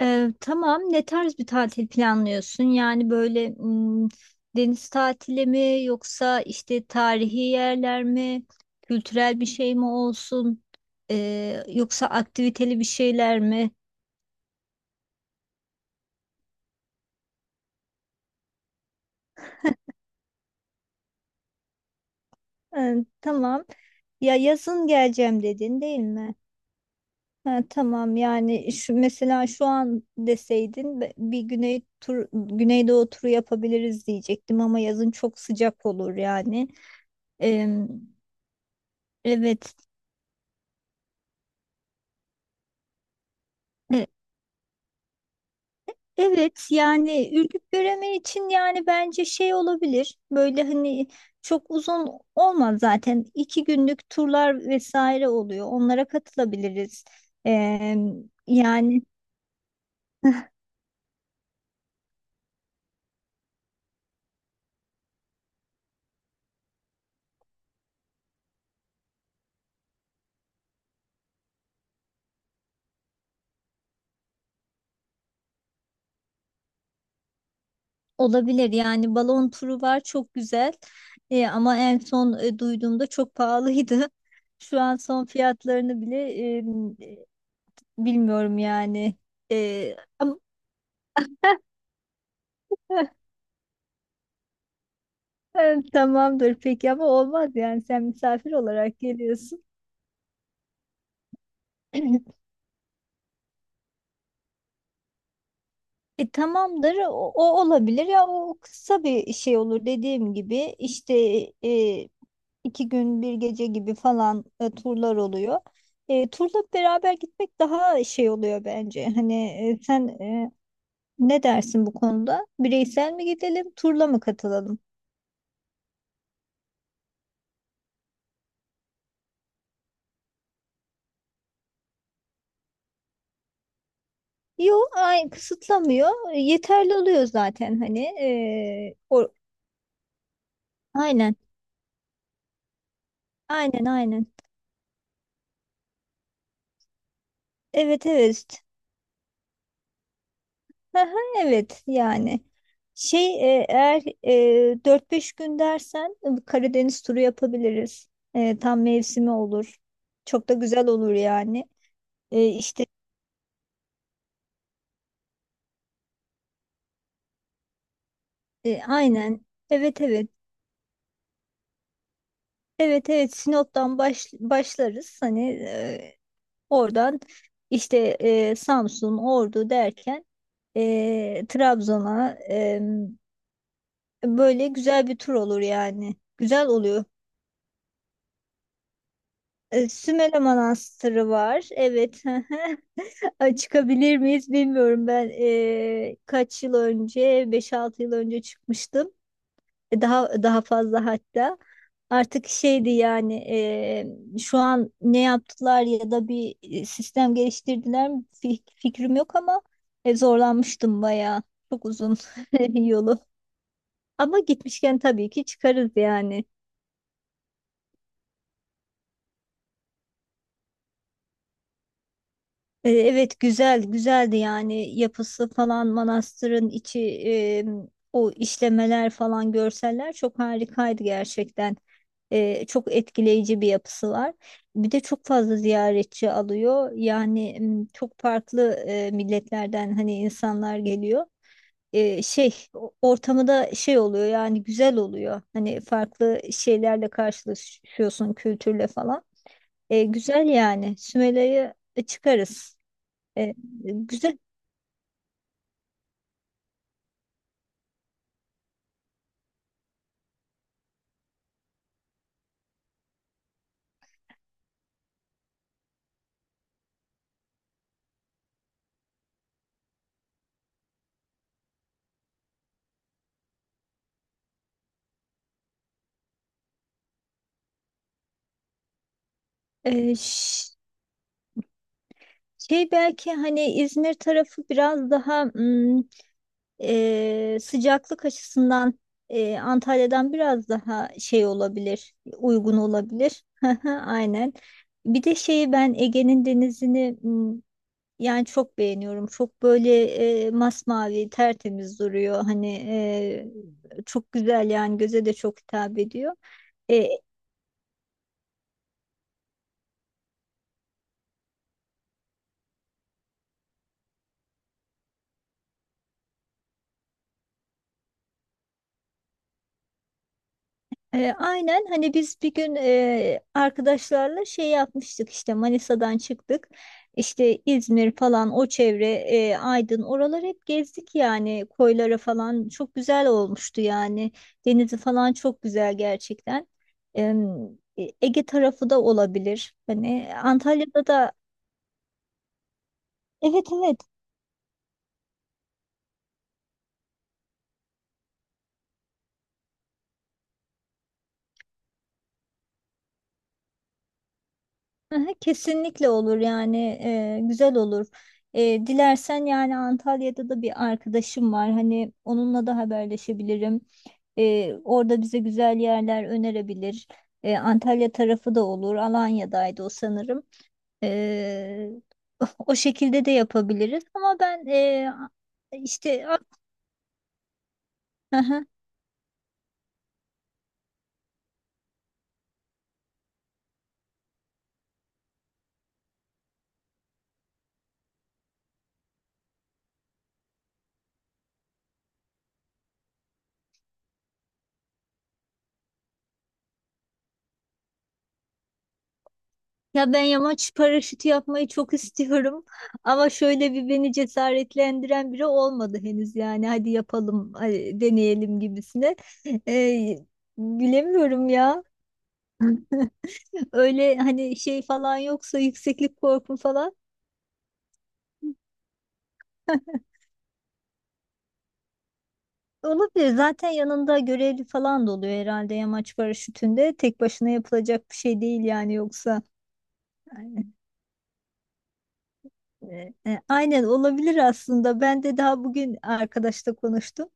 Tamam. Ne tarz bir tatil planlıyorsun? Yani böyle deniz tatili mi yoksa işte tarihi yerler mi? Kültürel bir şey mi olsun? Yoksa aktiviteli bir şeyler mi? Ee, tamam. Ya yazın geleceğim dedin değil mi? Ha, tamam yani şu, mesela şu an deseydin bir güneydoğu turu yapabiliriz diyecektim ama yazın çok sıcak olur yani. Ee, evet. Evet yani ürküp göremen için yani bence şey olabilir böyle hani çok uzun olmaz zaten iki günlük turlar vesaire oluyor onlara katılabiliriz. Ee, Yani olabilir yani balon turu var, çok güzel. Ama en son duyduğumda çok pahalıydı şu an son fiyatlarını bile bilmiyorum yani. Ama- tamamdır peki ama olmaz yani sen misafir olarak geliyorsun. Tamamdır o olabilir ya, o kısa bir şey olur dediğim gibi, işte e, iki gün bir gece gibi falan turlar oluyor. Turla beraber gitmek daha şey oluyor bence, hani sen ne dersin bu konuda, bireysel mi gidelim turla mı katılalım? Yok ay, kısıtlamıyor. Yeterli oluyor zaten, hani aynen, aynen, aynen. Evet, evet. Aha, evet yani şey, eğer 4-5 gün dersen Karadeniz turu yapabiliriz. Tam mevsimi olur. Çok da güzel olur yani. İşte aynen, evet evet, evet evet. Sinop'tan başlarız. Hani oradan işte Samsun, Ordu derken Trabzon'a böyle güzel bir tur olur yani. Güzel oluyor. Sümele Manastırı var. Evet. Ay, çıkabilir miyiz bilmiyorum. Ben kaç yıl önce, beş altı yıl önce çıkmıştım. Daha daha fazla hatta. Artık şeydi yani, şu an ne yaptılar ya da bir sistem geliştirdiler mi fikrim yok ama zorlanmıştım bayağı. Çok uzun yolu. Ama gitmişken tabii ki çıkarız yani. Evet, güzel güzeldi yani, yapısı falan, manastırın içi, e, o işlemeler falan, görseller çok harikaydı gerçekten. Çok etkileyici bir yapısı var. Bir de çok fazla ziyaretçi alıyor. Yani çok farklı milletlerden hani insanlar geliyor. Ortamı da şey oluyor yani, güzel oluyor. Hani farklı şeylerle karşılaşıyorsun, kültürle falan. Güzel yani, Sümela'yı çıkarız. E, Güzel. E, ş- Şey belki hani İzmir tarafı biraz daha sıcaklık açısından Antalya'dan biraz daha şey olabilir, uygun olabilir. Hı hı, aynen. Bir de şeyi, ben Ege'nin denizini yani çok beğeniyorum. Çok böyle masmavi, tertemiz duruyor. Hani çok güzel yani, göze de çok hitap ediyor. Aynen, hani biz bir gün arkadaşlarla şey yapmıştık, işte Manisa'dan çıktık, işte İzmir falan o çevre, Aydın, oraları hep gezdik yani, koylara falan, çok güzel olmuştu yani. Denizi falan çok güzel gerçekten. Em, Ege tarafı da olabilir, hani Antalya'da da. Evet evet. Aha, kesinlikle olur yani, güzel olur. Dilersen yani Antalya'da da bir arkadaşım var, hani onunla da haberleşebilirim. Orada bize güzel yerler önerebilir. Antalya tarafı da olur. Alanya'daydı o sanırım. E, O şekilde de yapabiliriz. Ama ben işte. Ya ben yamaç paraşütü yapmayı çok istiyorum ama şöyle bir beni cesaretlendiren biri olmadı henüz yani, hadi yapalım hadi deneyelim gibisine. Ee, Bilemiyorum ya, öyle hani şey falan, yoksa yükseklik korkum falan olabilir. Zaten yanında görevli falan da oluyor herhalde, yamaç paraşütünde tek başına yapılacak bir şey değil yani, yoksa. Aynen, aynen olabilir. Aslında ben de daha bugün arkadaşla konuştum.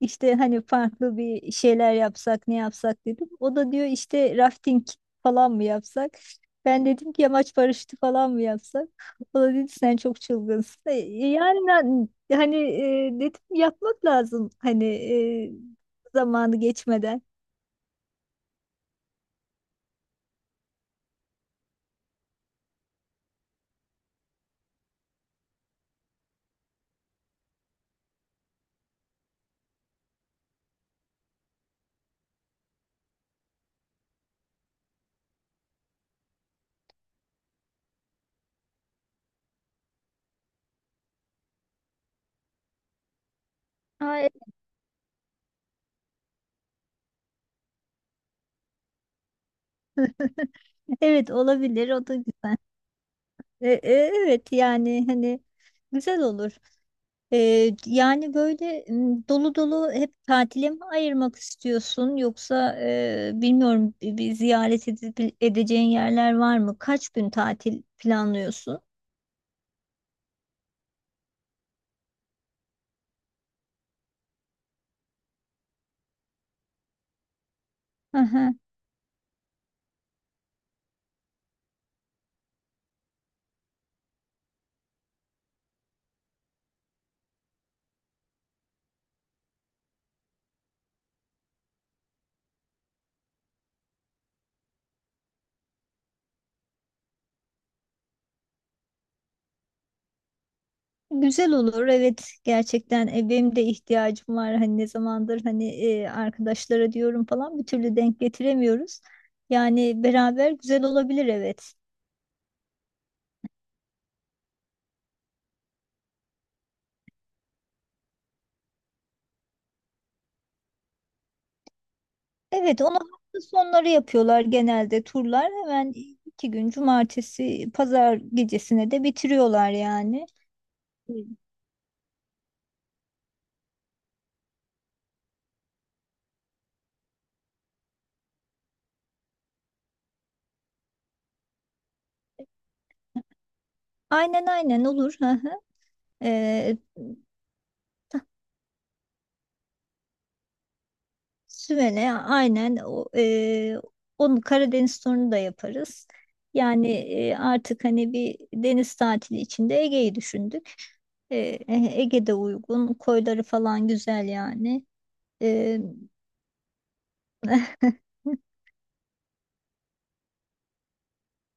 İşte hani farklı bir şeyler yapsak, ne yapsak dedim. O da diyor işte rafting falan mı yapsak? Ben dedim ki yamaç paraşütü falan mı yapsak? O da dedi sen çok çılgınsın. Yani ben- hani dedim yapmak lazım, hani zamanı geçmeden. Aa, evet olabilir, o da güzel. E, e, evet yani hani, güzel olur. Yani böyle, dolu dolu hep tatile mi ayırmak istiyorsun, yoksa bilmiyorum, bir ziyaret edeceğin yerler var mı? Kaç gün tatil planlıyorsun? Aha, güzel olur, evet gerçekten. Benim de ihtiyacım var, hani ne zamandır, hani arkadaşlara diyorum falan, bir türlü denk getiremiyoruz. Yani beraber güzel olabilir, evet. Evet, onu hafta sonları yapıyorlar genelde turlar. Hemen iki gün, cumartesi, pazar gecesine de bitiriyorlar yani. Hı. Aynen aynen olur. Hı hı. Ee, Sümele, aynen o, onu Karadeniz turunu da yaparız. Yani artık hani bir deniz tatili içinde Ege'yi düşündük. E, Ege'de uygun. Koyları falan güzel yani. E,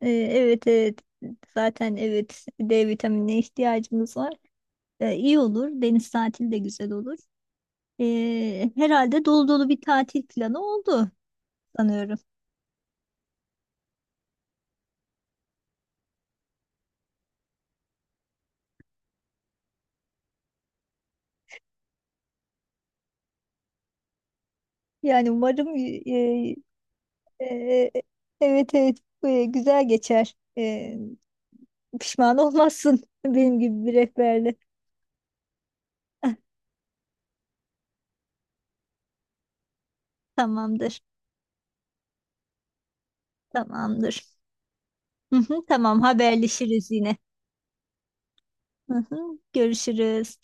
evet evet. Zaten evet, D vitaminine ihtiyacımız var. İyi olur. Deniz tatili de güzel olur. Herhalde dolu dolu bir tatil planı oldu sanıyorum. Yani umarım, e, e, evet evet, güzel geçer. Pişman olmazsın benim gibi bir rehberle. Tamamdır. Tamamdır. Hı hı, tamam, haberleşiriz yine. Hı hı. Görüşürüz.